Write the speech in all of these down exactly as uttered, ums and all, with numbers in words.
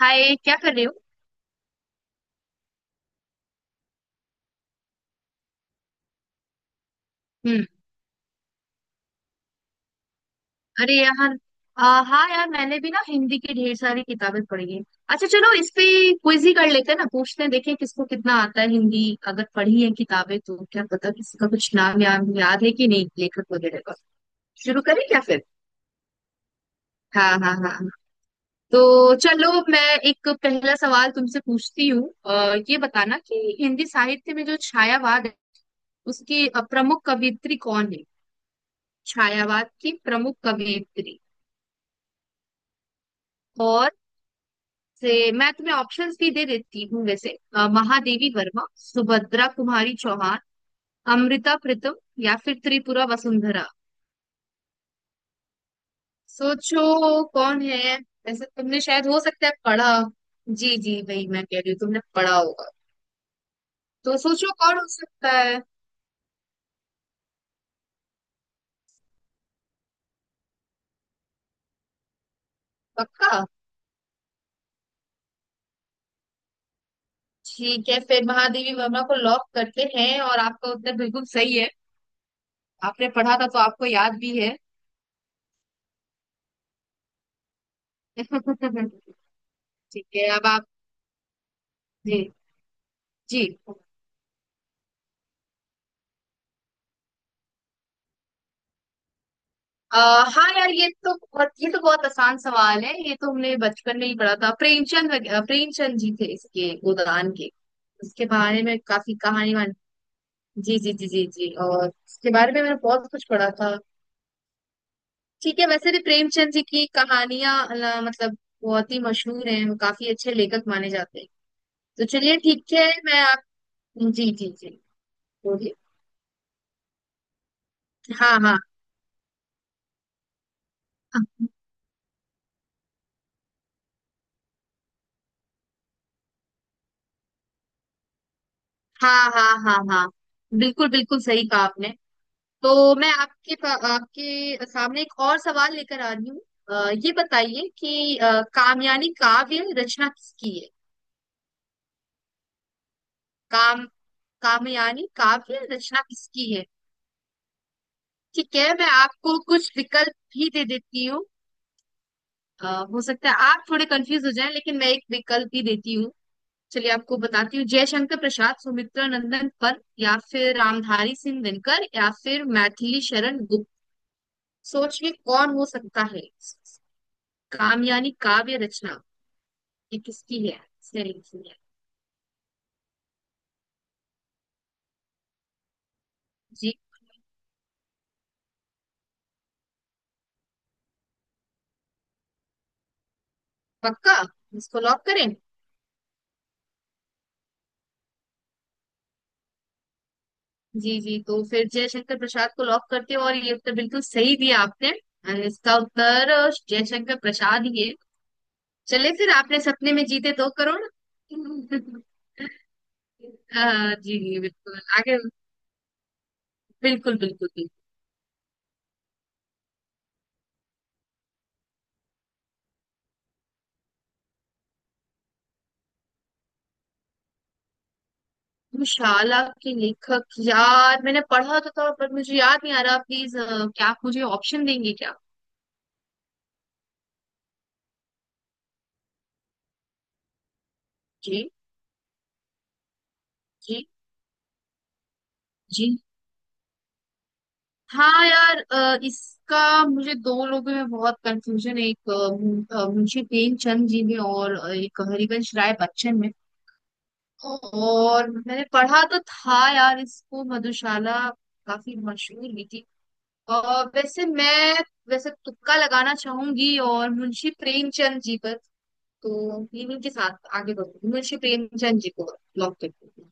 हाय, क्या कर रहे हो। हम्म। अरे यहाँ आ, हाँ यार मैंने भी ना हिंदी की ढेर सारी किताबें पढ़ी है। अच्छा चलो इस पे क्विज ही कर लेते हैं ना, पूछते हैं देखें किसको कितना आता है हिंदी। अगर पढ़ी है किताबें तो क्या पता किसी का कुछ नाम या याद है कि नहीं, लेखक वगैरह का। शुरू करें क्या फिर। हाँ हाँ हाँ हाँ। तो चलो मैं एक पहला सवाल तुमसे पूछती हूँ। अ, ये बताना कि हिंदी साहित्य में जो छायावाद है उसकी अ, प्रमुख कवयित्री कौन है। छायावाद की प्रमुख कवयित्री। और से मैं तुम्हें ऑप्शंस भी दे देती हूँ वैसे। अ, महादेवी वर्मा, सुभद्रा कुमारी चौहान, अमृता प्रीतम या फिर त्रिपुरा वसुंधरा। सोचो कौन है। वैसे तुमने शायद हो सकता है पढ़ा। जी जी, वही मैं कह रही हूँ, तुमने पढ़ा होगा। तो सोचो कौन हो सकता है। पक्का। ठीक है, फिर महादेवी वर्मा को लॉक करते हैं और आपका उत्तर बिल्कुल सही है। आपने पढ़ा था तो आपको याद भी है। ठीक है अब आप। जी जी। अ, हाँ यार ये तो बहुत, ये तो बहुत आसान सवाल है। ये तो हमने बचपन में ही पढ़ा था, प्रेमचंद वग- अ, प्रेमचंद जी थे इसके, गोदान के। उसके बारे में काफी कहानी वान। जी जी जी जी जी, और इसके बारे में मैंने बहुत कुछ पढ़ा था। ठीक है, वैसे भी प्रेमचंद जी की कहानियां अ, मतलब बहुत ही मशहूर हैं, वो काफी अच्छे लेखक माने जाते हैं। तो चलिए ठीक है मैं आप। जी जी जी। बोलिए। हाँ हाँ। हाँ हाँ हाँ हाँ हाँ। बिल्कुल बिल्कुल सही कहा आपने। तो मैं आपके पा- आपके सामने एक और सवाल लेकर आ रही हूँ। अ, ये बताइए कि अ, कामयानी काव्य रचना किसकी है। काम कामयानी काव्य रचना किसकी है। ठीक है, मैं आपको कुछ विकल्प भी दे देती हूँ। अ, हो सकता है आप थोड़े कंफ्यूज हो जाएं, लेकिन मैं एक विकल्प भी देती हूँ। चलिए आपको बताती हूँ। जयशंकर प्रसाद, सुमित्रा नंदन पन्त, या फिर रामधारी सिंह दिनकर, या फिर मैथिली शरण गुप्त। सोचिए कौन हो सकता है। कामयानी काव्य रचना ये किसकी है। स्टेरिंग की है। जी। पक्का। इसको लॉक करें। जी जी, तो फिर जयशंकर प्रसाद को लॉक करते हो और ये उत्तर बिल्कुल सही दिया आपने। और इसका उत्तर अ, जयशंकर प्रसाद ही है। चले फिर आपने सपने में जीते दो करोड़। हाँ, जी जी बिल्कुल आगे। बिल्कुल बिल्कुल बिल्कुल। शाला के लेखक, यार मैंने पढ़ा तो था, पर मुझे याद नहीं आ रहा। प्लीज क्या आप मुझे ऑप्शन देंगे क्या। जी जी जी। हाँ यार, अ, इसका मुझे दो लोगों में बहुत कंफ्यूजन है। एक अ, मु- अ, मुंशी प्रेमचंद जी में और अ, एक हरिवंश राय बच्चन में। और मैंने पढ़ा तो था यार इसको, मधुशाला काफी मशहूर भी थी। और वैसे मैं वैसे तुक्का लगाना चाहूंगी और मुंशी प्रेमचंद जी पर। तो इन्हीं के साथ आगे बढ़ूंगी, मुंशी प्रेमचंद जी को लॉक करती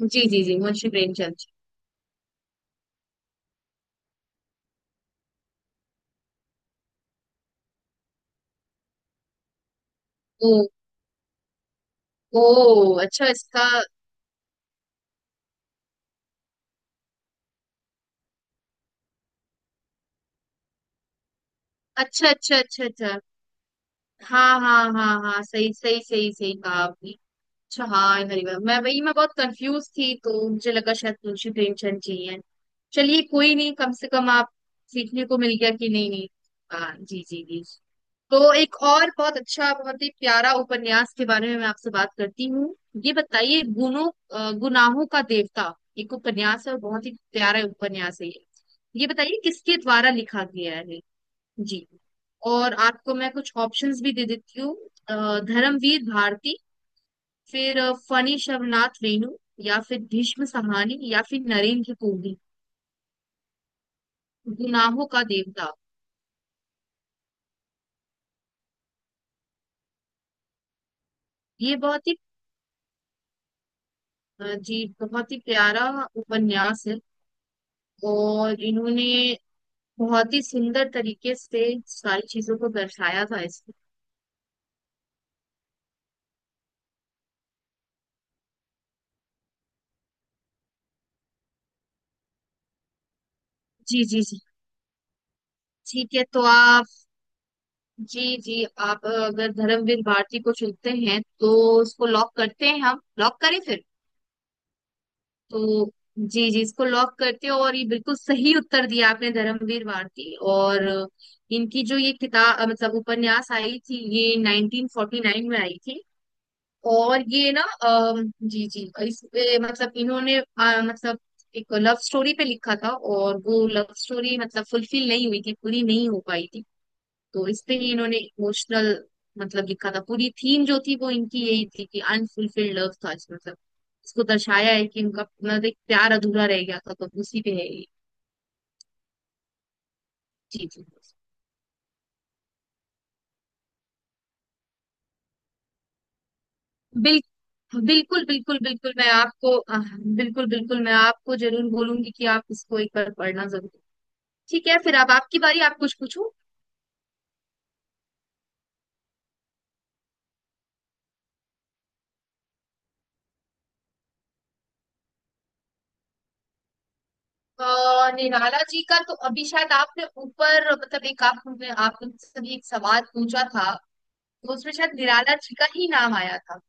हूँ। जी जी जी मुंशी प्रेमचंद जी। ओ। ओ। अच्छा इसका। अच्छा अच्छा अच्छा अच्छा। हाँ हाँ हाँ हाँ सही सही सही सही कहा आपने। अच्छा हाँ, हरिवर, मैं वही मैं बहुत कंफ्यूज थी तो मुझे लगा शायद तुलसी प्रेमचंद जी हैं। चलिए कोई नहीं, कम से कम आप सीखने को मिल गया कि नहीं नहीं। हाँ जी जी जी। तो एक और बहुत अच्छा, बहुत ही प्यारा उपन्यास के बारे में मैं आपसे बात करती हूँ। ये बताइए गुनों अ, गुनाहों का देवता एक उपन्यास है और बहुत ही प्यारा उपन्यास है ये। ये बताइए किसके द्वारा लिखा गया है। जी। और आपको मैं कुछ ऑप्शंस भी दे देती हूँ। अ, धर्मवीर भारती, फिर अ, फणी शवनाथ रेणु, या फिर भीष्म सहानी, या फिर नरेंद्र कोहली। गुनाहों का देवता ये बहुत ही अ, जी बहुत ही प्यारा उपन्यास है। और इन्होंने बहुत ही सुंदर तरीके से सारी चीजों को दर्शाया था इसमें। जी जी जी। ठीक है तो आप। जी जी, आप अ, अगर धर्मवीर भारती को चुनते हैं तो उसको लॉक करते हैं, हम लॉक करें फिर। तो जी जी, इसको लॉक करते हो और ये बिल्कुल सही उत्तर दिया आपने, धर्मवीर भारती। और इनकी जो ये किताब मतलब उपन्यास आई थी ये नाइनटीन फ़ोर्टी नाइन में आई थी। और ये ना अम, जी जी, इस पे मतलब इन्होंने अ, मतलब एक लव स्टोरी पे लिखा था। और वो लव स्टोरी मतलब फुलफिल नहीं हुई थी, पूरी नहीं हो पाई थी। तो इसलिए ही इन्होंने इमोशनल मतलब लिखा था। पूरी थीम जो थी वो इनकी यही थी कि अनफुलफिल्ड लव था इसमें, मतलब इसको दर्शाया है कि उनका मतलब एक प्यार अधूरा रह गया था तो उसी पे है ये। जी जी। बिल, बिल्कुल बिल्कुल बिल्कुल मैं आपको आह, बिल्कुल बिल्कुल मैं आपको जरूर बोलूंगी कि आप इसको एक बार पढ़ना जरूर। ठीक है फिर अब आपकी बारी, आप कुछ पूछो। अ, निराला जी का तो अभी शायद आपने ऊपर मतलब एक आप आपने आपने सभी एक सवाल पूछा था, तो उसमें शायद निराला जी का ही नाम आया था।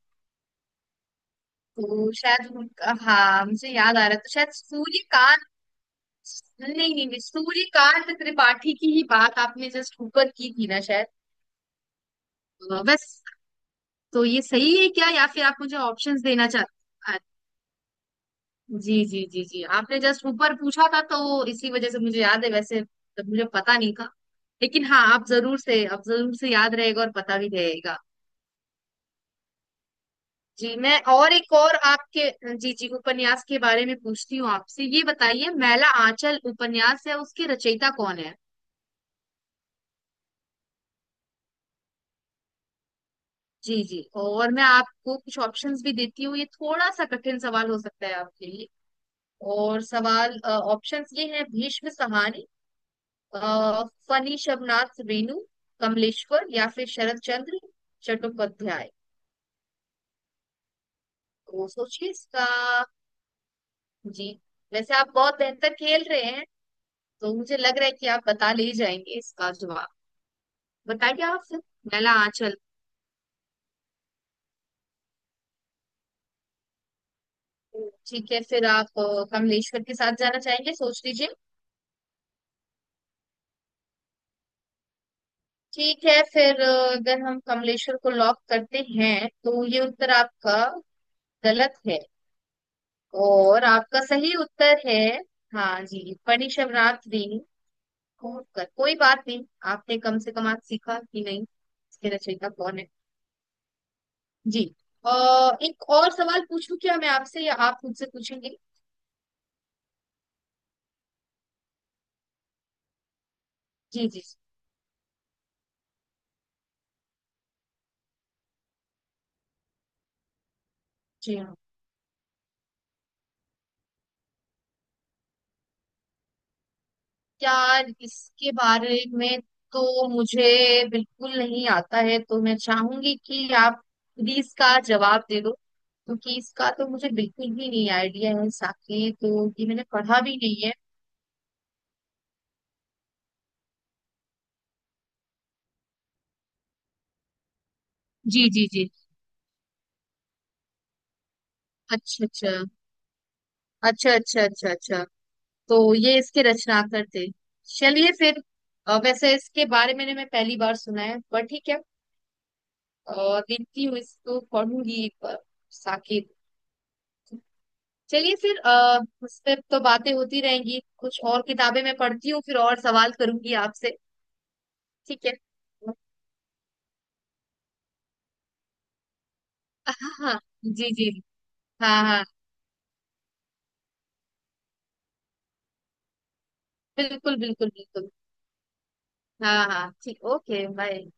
तो शायद उनका- हाँ मुझे याद आ रहा है, तो शायद सूर्यकांत। नहीं नहीं नहीं, सूर्यकांत त्रिपाठी की ही बात आपने जस्ट ऊपर की थी ना शायद। अ, बस। तो ये सही है क्या, या फिर आप मुझे ऑप्शंस देना चाहते अ, जी जी जी जी आपने जस्ट ऊपर पूछा था तो इसी वजह से मुझे याद है वैसे। तब मुझे पता नहीं था, लेकिन हाँ आप जरूर से, आप जरूर से याद रहेगा और पता भी रहेगा। जी मैं और एक और आपके, जी जी, उपन्यास के बारे में पूछती हूँ आपसे। ये बताइए मैला आंचल उपन्यास है, उसके रचयिता कौन है। जी जी, और मैं आपको कुछ ऑप्शंस भी देती हूँ। ये थोड़ा सा कठिन सवाल हो सकता है आपके लिए। और सवाल ऑप्शंस ये हैं, भीष्म सहानी, अ, फनी शबनाथ रेणु, कमलेश्वर, या फिर शरद चंद्र चट्टोपाध्याय। तो सोचिए इसका। जी। वैसे आप बहुत बेहतर खेल रहे हैं, तो मुझे लग रहा है कि आप बता ले जाएंगे इसका जवाब। बता दिया आपसे, नला आंचल। ठीक है फिर, आप अ, कमलेश्वर के साथ जाना चाहेंगे, सोच लीजिए। ठीक है फिर अ, अगर हम कमलेश्वर को लॉक करते हैं तो ये उत्तर आपका गलत है। और आपका सही उत्तर है, हाँ जी, फणिशवरात्रि कोटकर। कोई बात नहीं, आपने कम से कम आज सीखा कि नहीं इसके रचयिता कौन है। जी। अ, एक और सवाल पूछूं क्या मैं आपसे, या आप मुझसे पूछेंगे। जी जी जी। हाँ यार, इसके बारे में तो मुझे बिल्कुल नहीं आता है। तो मैं चाहूंगी कि आप प्लीज इसका जवाब दे दो, क्योंकि इसका तो मुझे बिल्कुल भी नहीं आइडिया है। साके तो ये मैंने पढ़ा भी नहीं है। जी जी जी। अच्छा अच्छा। अच्छा अच्छा अच्छा अच्छा। तो ये इसके रचनाकार थे। चलिए फिर अ, वैसे इसके बारे में मैं पहली बार सुना है, पर ठीक है। अ, देखती हूँ, इसको पढ़ूंगी एक बार, साकेत। चलिए फिर आ, उस पे तो बातें होती रहेंगी, कुछ और किताबें मैं पढ़ती हूँ फिर और सवाल करूंगी आपसे। ठीक है। हाँ हाँ जी जी। हाँ हाँ बिल्कुल बिल्कुल बिल्कुल। हाँ हाँ ठीक, ओके बाय।